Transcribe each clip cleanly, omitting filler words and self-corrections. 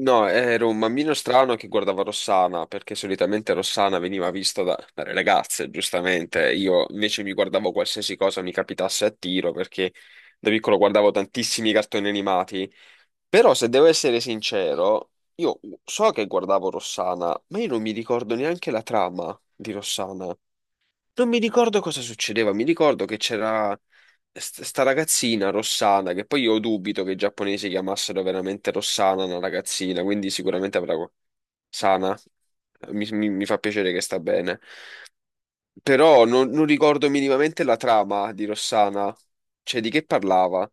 No, ero un bambino strano che guardava Rossana, perché solitamente Rossana veniva vista dalle ragazze, giustamente. Io invece mi guardavo qualsiasi cosa mi capitasse a tiro, perché da piccolo guardavo tantissimi cartoni animati. Però, se devo essere sincero, io so che guardavo Rossana, ma io non mi ricordo neanche la trama di Rossana. Non mi ricordo cosa succedeva, mi ricordo che c'era sta ragazzina Rossana, che poi io dubito che i giapponesi chiamassero veramente Rossana una ragazzina, quindi sicuramente avrà sana. Mi fa piacere che sta bene. Però non ricordo minimamente la trama di Rossana, cioè di che parlava.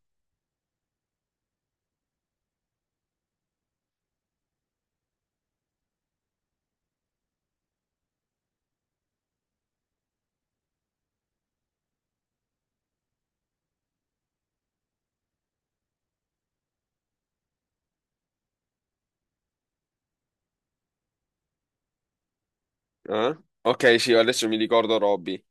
Ok, sì, adesso mi ricordo Robby.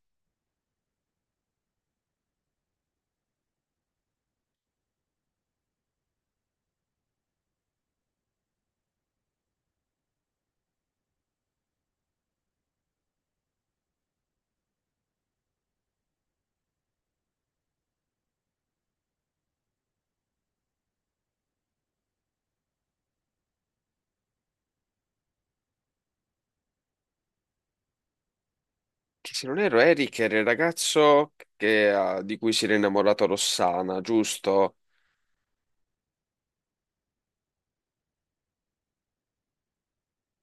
Che se non erro Eric era di cui si era innamorato Rossana, giusto?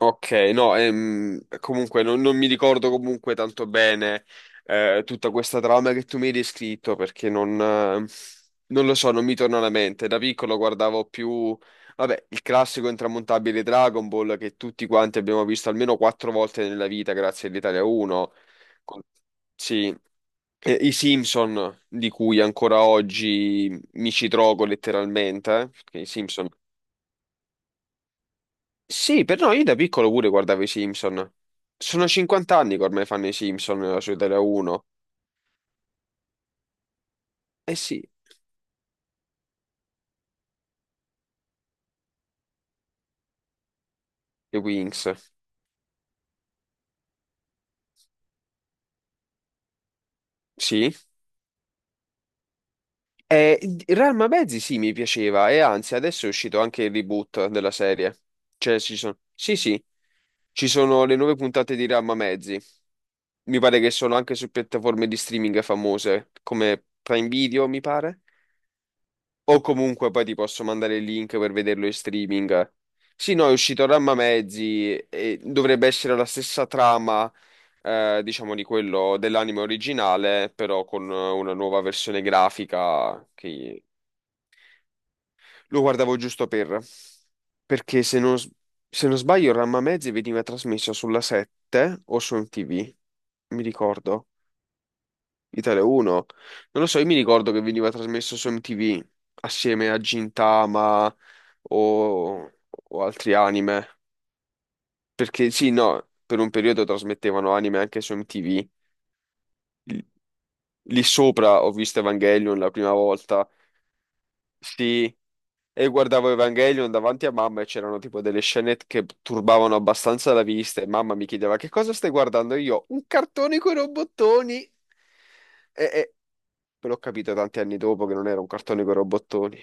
Ok, no, comunque non mi ricordo comunque tanto bene tutta questa trama che tu mi hai descritto perché non lo so, non mi torna alla mente. Da piccolo guardavo più, vabbè, il classico intramontabile Dragon Ball che tutti quanti abbiamo visto almeno 4 volte nella vita grazie all'Italia 1. Con- Sì, e i Simpson di cui ancora oggi mi ci trovo letteralmente, perché i Simpson sì, per noi, io da piccolo pure guardavo i Simpson. Sono 50 anni che ormai fanno i Simpson su Italia 1. Eh sì, i Winx. Sì. E Real Mezzi sì, mi piaceva. E anzi, adesso è uscito anche il reboot della serie. Cioè, ci sono... Sì, sì, ci sono le nuove puntate di Real Mezzi. Mi pare che sono anche su piattaforme di streaming famose, come Prime Video, mi pare. O comunque poi ti posso mandare il link per vederlo in streaming. Sì, no, è uscito Ramma Mezzi e dovrebbe essere la stessa trama, diciamo, di quello dell'anime originale, però con una nuova versione grafica che lo guardavo giusto per... Perché se non sbaglio Ramma Mezzi veniva trasmesso sulla 7 o su MTV, mi ricordo. Italia 1. Non lo so, io mi ricordo che veniva trasmesso su MTV assieme a Gintama o, o altri anime. Perché sì, no, per un periodo trasmettevano anime anche su MTV. L- Lì sopra ho visto Evangelion la prima volta. Sì, e guardavo Evangelion davanti a mamma e c'erano tipo delle scene che turbavano abbastanza la vista e mamma mi chiedeva che cosa stai guardando? E io, un cartone con i robottoni. E, Però ho capito tanti anni dopo che non era un cartone con robottoni.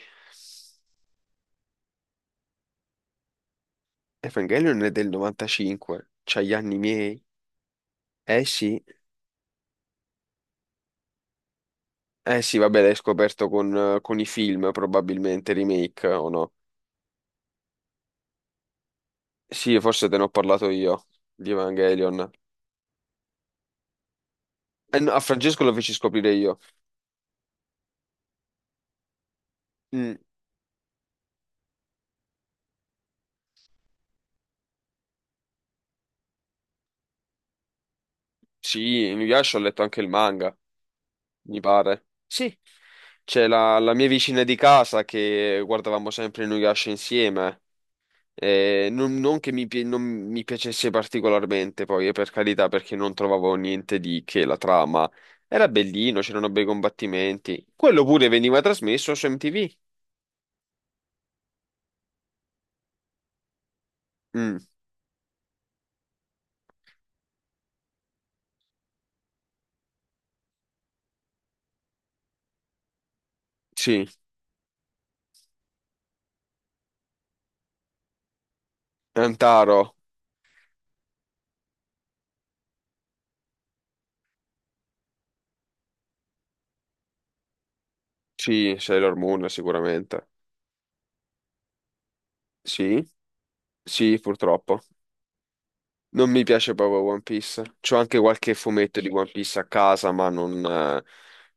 Evangelion è del 95, c'ha gli anni miei. Eh sì, eh sì, vabbè, l'hai scoperto con i film, probabilmente, remake o no? Sì, forse te ne ho parlato io di Evangelion. No, a Francesco lo feci scoprire io. Mm, sì, mi piace, ho letto anche il manga, mi pare. Sì, c'è la mia vicina di casa che guardavamo sempre Inuyasha insieme. Non mi piacesse particolarmente, poi, per carità, perché non trovavo niente di che la trama. Era bellino, c'erano bei combattimenti. Quello pure veniva trasmesso su MTV. Mm, sì. Antaro. Sì, Sailor Moon sicuramente. Sì, sì, purtroppo. Non mi piace proprio One Piece. C'ho anche qualche fumetto di One Piece a casa, ma non...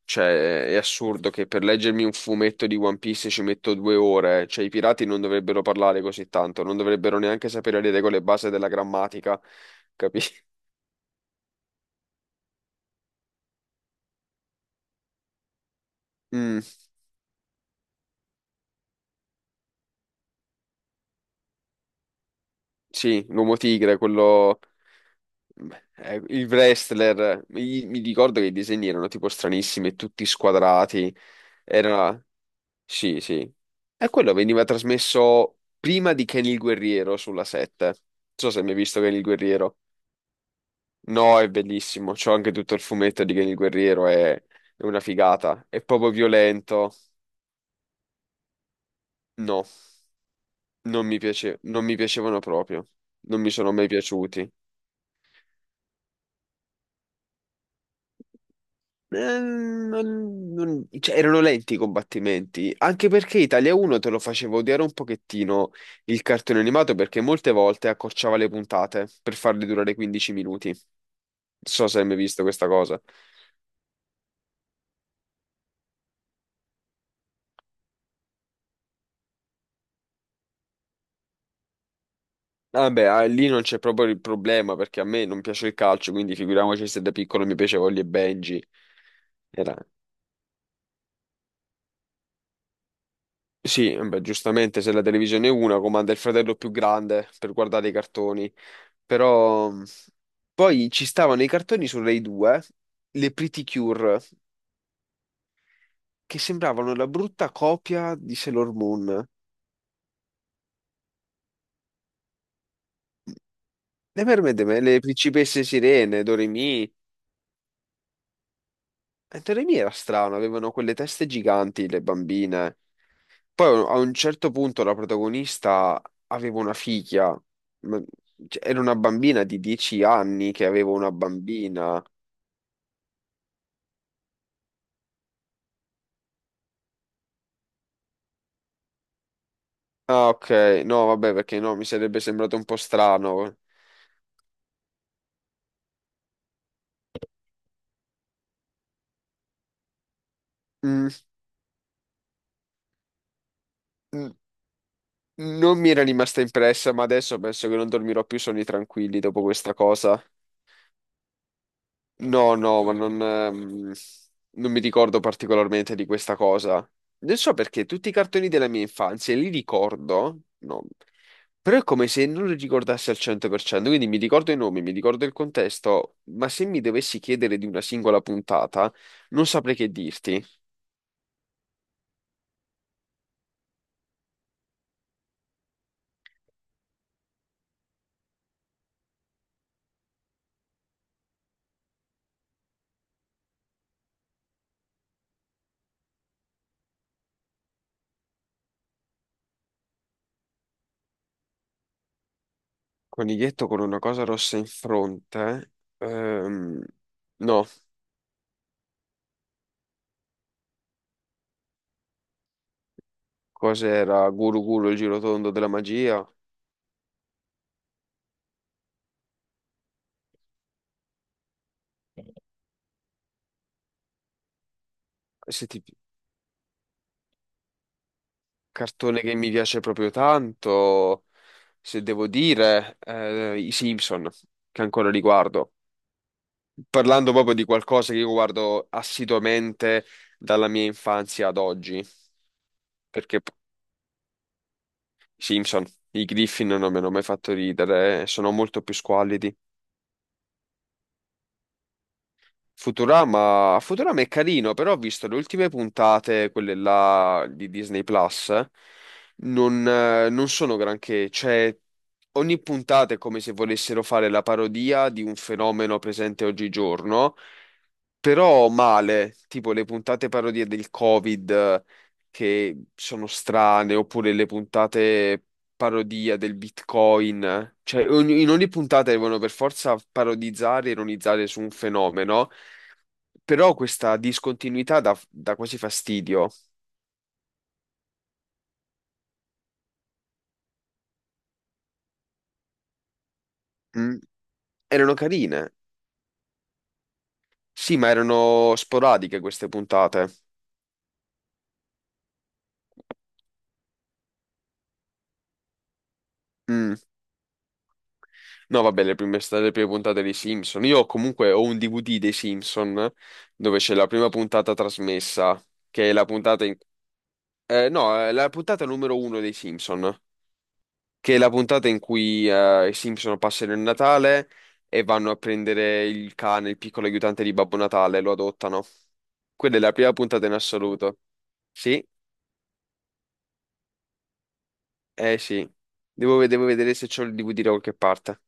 cioè, è assurdo che per leggermi un fumetto di One Piece ci metto 2 ore. Cioè, i pirati non dovrebbero parlare così tanto, non dovrebbero neanche sapere le regole base della grammatica, capisci? Sì, l'uomo tigre, quello... il wrestler. Mi ricordo che i disegni erano tipo stranissimi, tutti squadrati. Era... Sì, sì. E quello veniva trasmesso prima di Ken il Guerriero sulla 7. Non so se mi hai mai visto Ken il Guerriero. No, è bellissimo. C'ho anche tutto il fumetto di Ken il Guerriero, è una figata. È proprio violento. No, non mi piacevano proprio. Non mi sono mai piaciuti. Cioè, erano lenti i combattimenti, anche perché Italia 1 te lo faceva odiare un pochettino il cartone animato perché molte volte accorciava le puntate per farle durare 15 minuti. Non so se hai mai visto questa cosa. Vabbè, ah, lì non c'è proprio il problema perché a me non piace il calcio, quindi figuriamoci se da piccolo mi piaceva Holly e Benji. Era... Sì, beh, giustamente se la televisione è una comanda il fratello più grande per guardare i cartoni. Però poi ci stavano i cartoni su Rai 2, le Pretty Cure, che sembravano la brutta copia di Sailor Moon. Le mermaid, le principesse sirene, Doremi. Doremi era strano, avevano quelle teste giganti, le bambine. Poi a un certo punto la protagonista aveva una figlia, ma- cioè, era una bambina di 10 anni che aveva una bambina. Ah, ok, no, vabbè, perché no, mi sarebbe sembrato un po' strano. Mm. Mm. Non mi era rimasta impressa, ma adesso penso che non dormirò più sonni tranquilli dopo questa cosa. No, no, ma non mi ricordo particolarmente di questa cosa. Non so perché tutti i cartoni della mia infanzia li ricordo, no, però è come se non li ricordassi al 100%, quindi mi ricordo i nomi, mi ricordo il contesto, ma se mi dovessi chiedere di una singola puntata, non saprei che dirti. Coniglietto con una cosa rossa in fronte? Ehm, no. Cos'era? Guru Guru, il girotondo della magia. Se ti- Cartone che mi piace proprio tanto, se devo dire, i Simpson, che ancora li guardo. Parlando proprio di qualcosa che io guardo assiduamente dalla mia infanzia ad oggi, perché i Simpson, i Griffin non mi hanno mai fatto ridere, sono molto più squallidi. Futurama, Futurama è carino, però ho visto le ultime puntate, quelle là di Disney Plus, non sono granché, cioè ogni puntata è come se volessero fare la parodia di un fenomeno presente oggigiorno, però male, tipo le puntate parodie del Covid che sono strane, oppure le puntate parodia del Bitcoin, cioè in ogni puntata devono per forza parodizzare, e ironizzare su un fenomeno, però questa discontinuità dà quasi fastidio. Mm. Erano carine, sì, ma erano sporadiche queste puntate. Mm. No, vabbè, le prime puntate dei Simpson. Io comunque ho un DVD dei Simpson dove c'è la prima puntata trasmessa, che è la puntata in... no, è la puntata numero uno dei Simpson, che è la puntata in cui i Simpson passano il Natale e vanno a prendere il cane, il piccolo aiutante di Babbo Natale, lo adottano. Quella è la prima puntata in assoluto. Sì, eh sì. Devo vedere se c'ho il DVD da qualche parte.